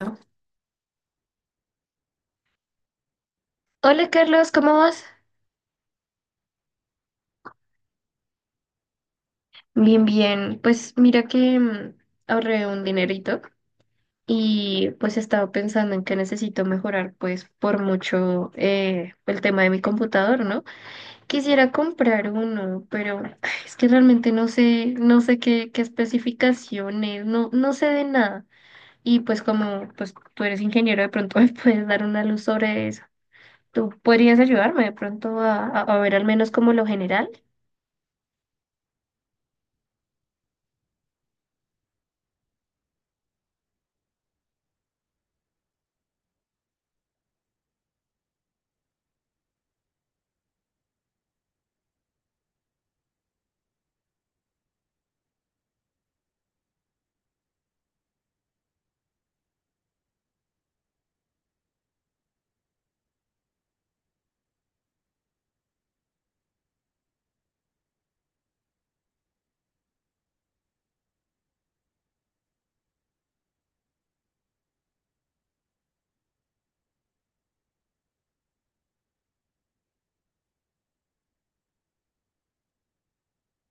¿No? Hola Carlos, ¿cómo vas? Bien, bien. Pues mira que ahorré un dinerito y pues estaba pensando en que necesito mejorar pues por mucho el tema de mi computador, ¿no? Quisiera comprar uno, pero ay, es que realmente no sé qué especificaciones, no, no sé de nada. Y pues como pues tú eres ingeniero, de pronto me puedes dar una luz sobre eso. ¿Tú podrías ayudarme de pronto a ver al menos como lo general?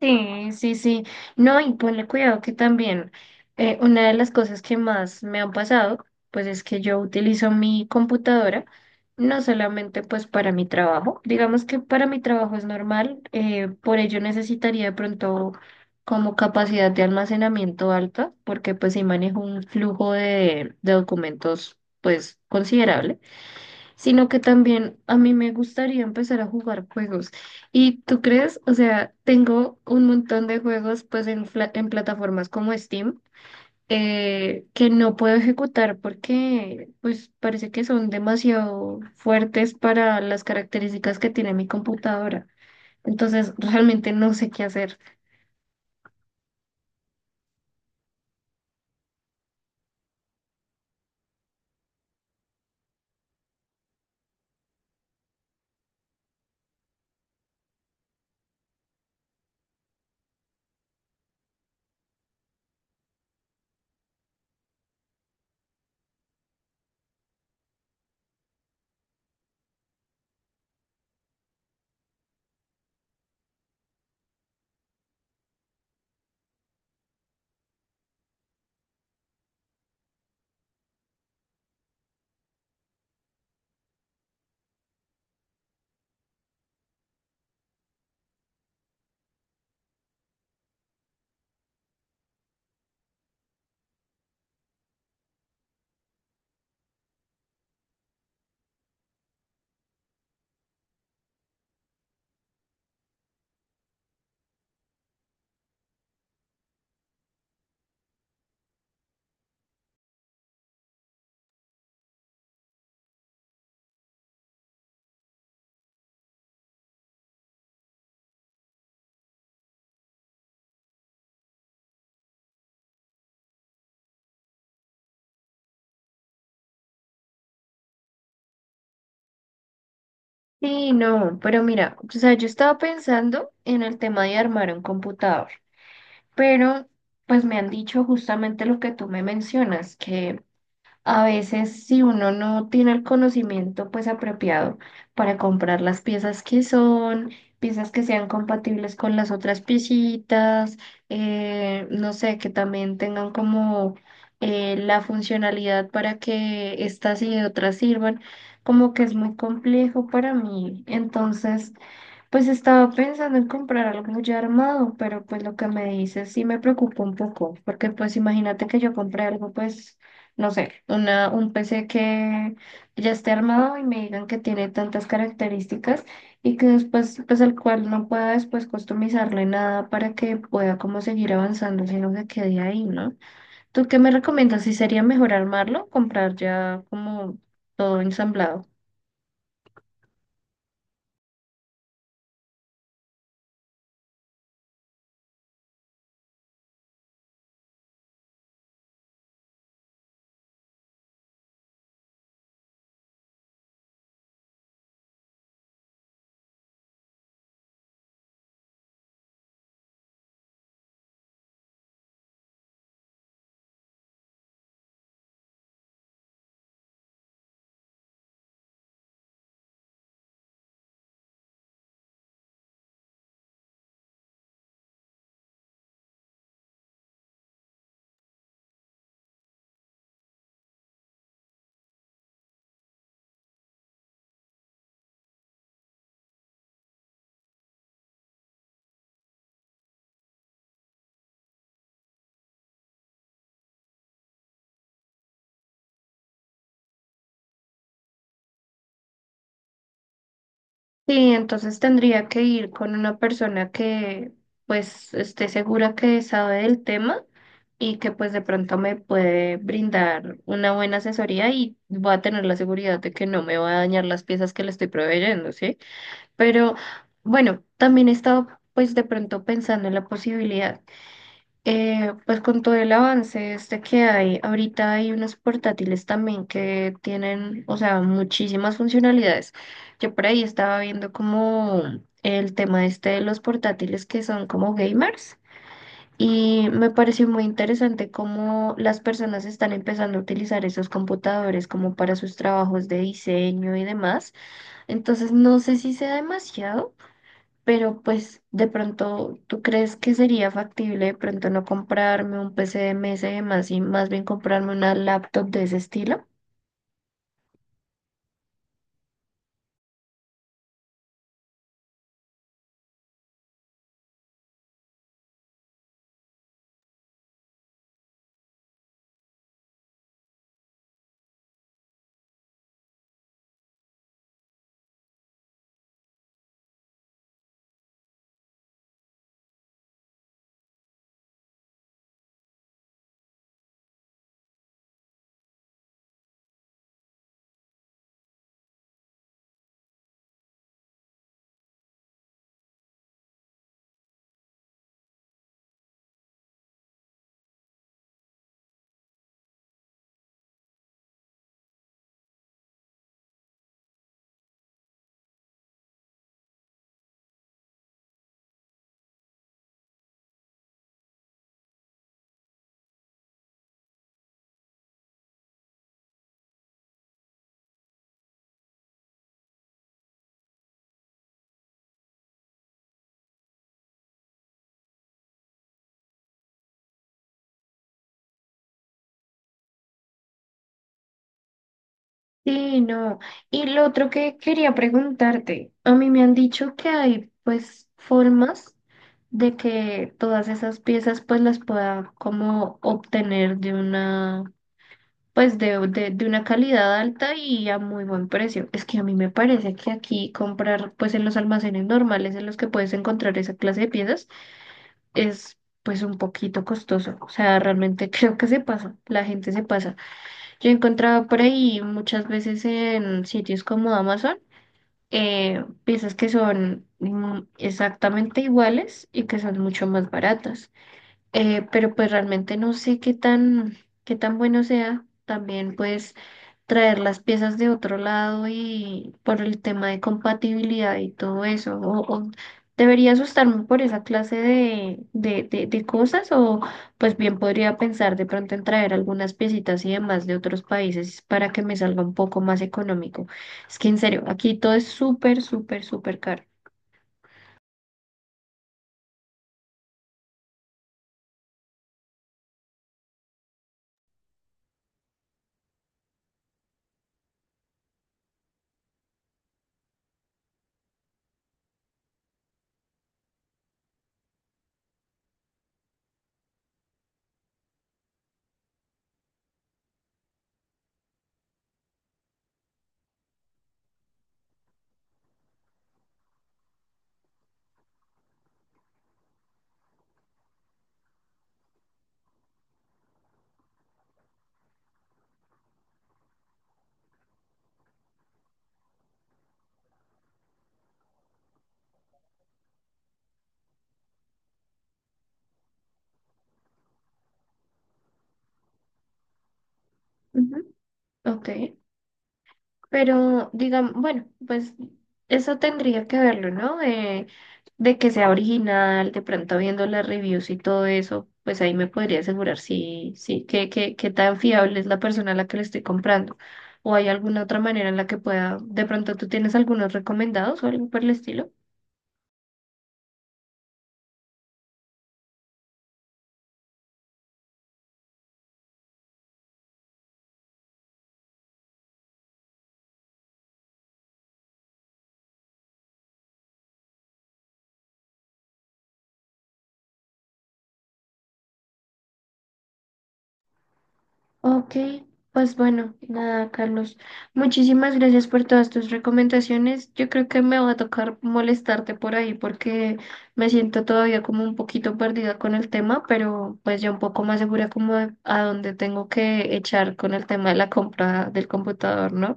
Sí, sí, sí. No, y ponle cuidado que también una de las cosas que más me han pasado, pues es que yo utilizo mi computadora no solamente pues para mi trabajo, digamos que para mi trabajo es normal, por ello necesitaría de pronto como capacidad de almacenamiento alta, porque pues sí manejo un flujo de documentos pues considerable, sino que también a mí me gustaría empezar a jugar juegos. ¿Y tú crees? O sea, tengo un montón de juegos pues en plataformas como Steam, que no puedo ejecutar porque pues parece que son demasiado fuertes para las características que tiene mi computadora. Entonces, realmente no sé qué hacer. Sí, no, pero mira, o sea, yo estaba pensando en el tema de armar un computador, pero pues me han dicho justamente lo que tú me mencionas, que a veces, si uno no tiene el conocimiento pues apropiado para comprar las piezas que son, piezas que sean compatibles con las otras piecitas, no sé, que también tengan como la funcionalidad para que estas y otras sirvan, como que es muy complejo para mí. Entonces, pues estaba pensando en comprar algo ya armado, pero pues lo que me dices sí me preocupa un poco, porque pues imagínate que yo compré algo, pues, no sé, un PC que ya esté armado y me digan que tiene tantas características y que después, pues al cual no pueda después customizarle nada para que pueda como seguir avanzando, sino que quede ahí, ¿no? ¿Tú qué me recomiendas? ¿Si sería mejor armarlo, comprar ya como todo ensamblado? Sí, entonces tendría que ir con una persona que pues esté segura que sabe del tema y que pues de pronto me puede brindar una buena asesoría y voy a tener la seguridad de que no me va a dañar las piezas que le estoy proveyendo, ¿sí? Pero bueno, también he estado pues de pronto pensando en la posibilidad. Pues con todo el avance este que hay, ahorita hay unos portátiles también que tienen, o sea, muchísimas funcionalidades. Yo por ahí estaba viendo como el tema este de los portátiles que son como gamers y me pareció muy interesante cómo las personas están empezando a utilizar esos computadores como para sus trabajos de diseño y demás. Entonces no sé si sea demasiado, pero pues de pronto, ¿tú crees que sería factible de pronto no comprarme un PC de mesa y demás y más bien comprarme una laptop de ese estilo? Sí, no. Y lo otro que quería preguntarte, a mí me han dicho que hay pues formas de que todas esas piezas pues las pueda como obtener de una, pues de una calidad alta y a muy buen precio. Es que a mí me parece que aquí comprar pues en los almacenes normales en los que puedes encontrar esa clase de piezas es pues un poquito costoso. O sea, realmente creo que se pasa, la gente se pasa. Yo he encontrado por ahí muchas veces en sitios como Amazon, piezas que son exactamente iguales y que son mucho más baratas. Pero pues realmente no sé qué tan bueno sea. También pues traer las piezas de otro lado y por el tema de compatibilidad y todo eso. O debería asustarme por esa clase de cosas o pues bien podría pensar de pronto en traer algunas piecitas y demás de otros países para que me salga un poco más económico. Es que en serio, aquí todo es súper, súper, súper caro. Ujú. Ok. Pero digamos, bueno, pues eso tendría que verlo, ¿no? De que sea original, de pronto viendo las reviews y todo eso, pues ahí me podría asegurar si, qué tan fiable es la persona a la que le estoy comprando. O hay alguna otra manera en la que pueda, de pronto tú tienes algunos recomendados o algo por el estilo. Ok, pues bueno, nada, Carlos. Muchísimas gracias por todas tus recomendaciones. Yo creo que me va a tocar molestarte por ahí porque me siento todavía como un poquito perdida con el tema, pero pues ya un poco más segura como de a dónde tengo que echar con el tema de la compra del computador, ¿no?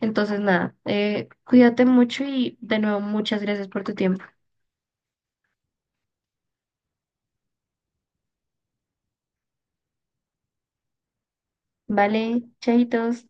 Entonces, nada, cuídate mucho y de nuevo muchas gracias por tu tiempo. Vale, chaitos.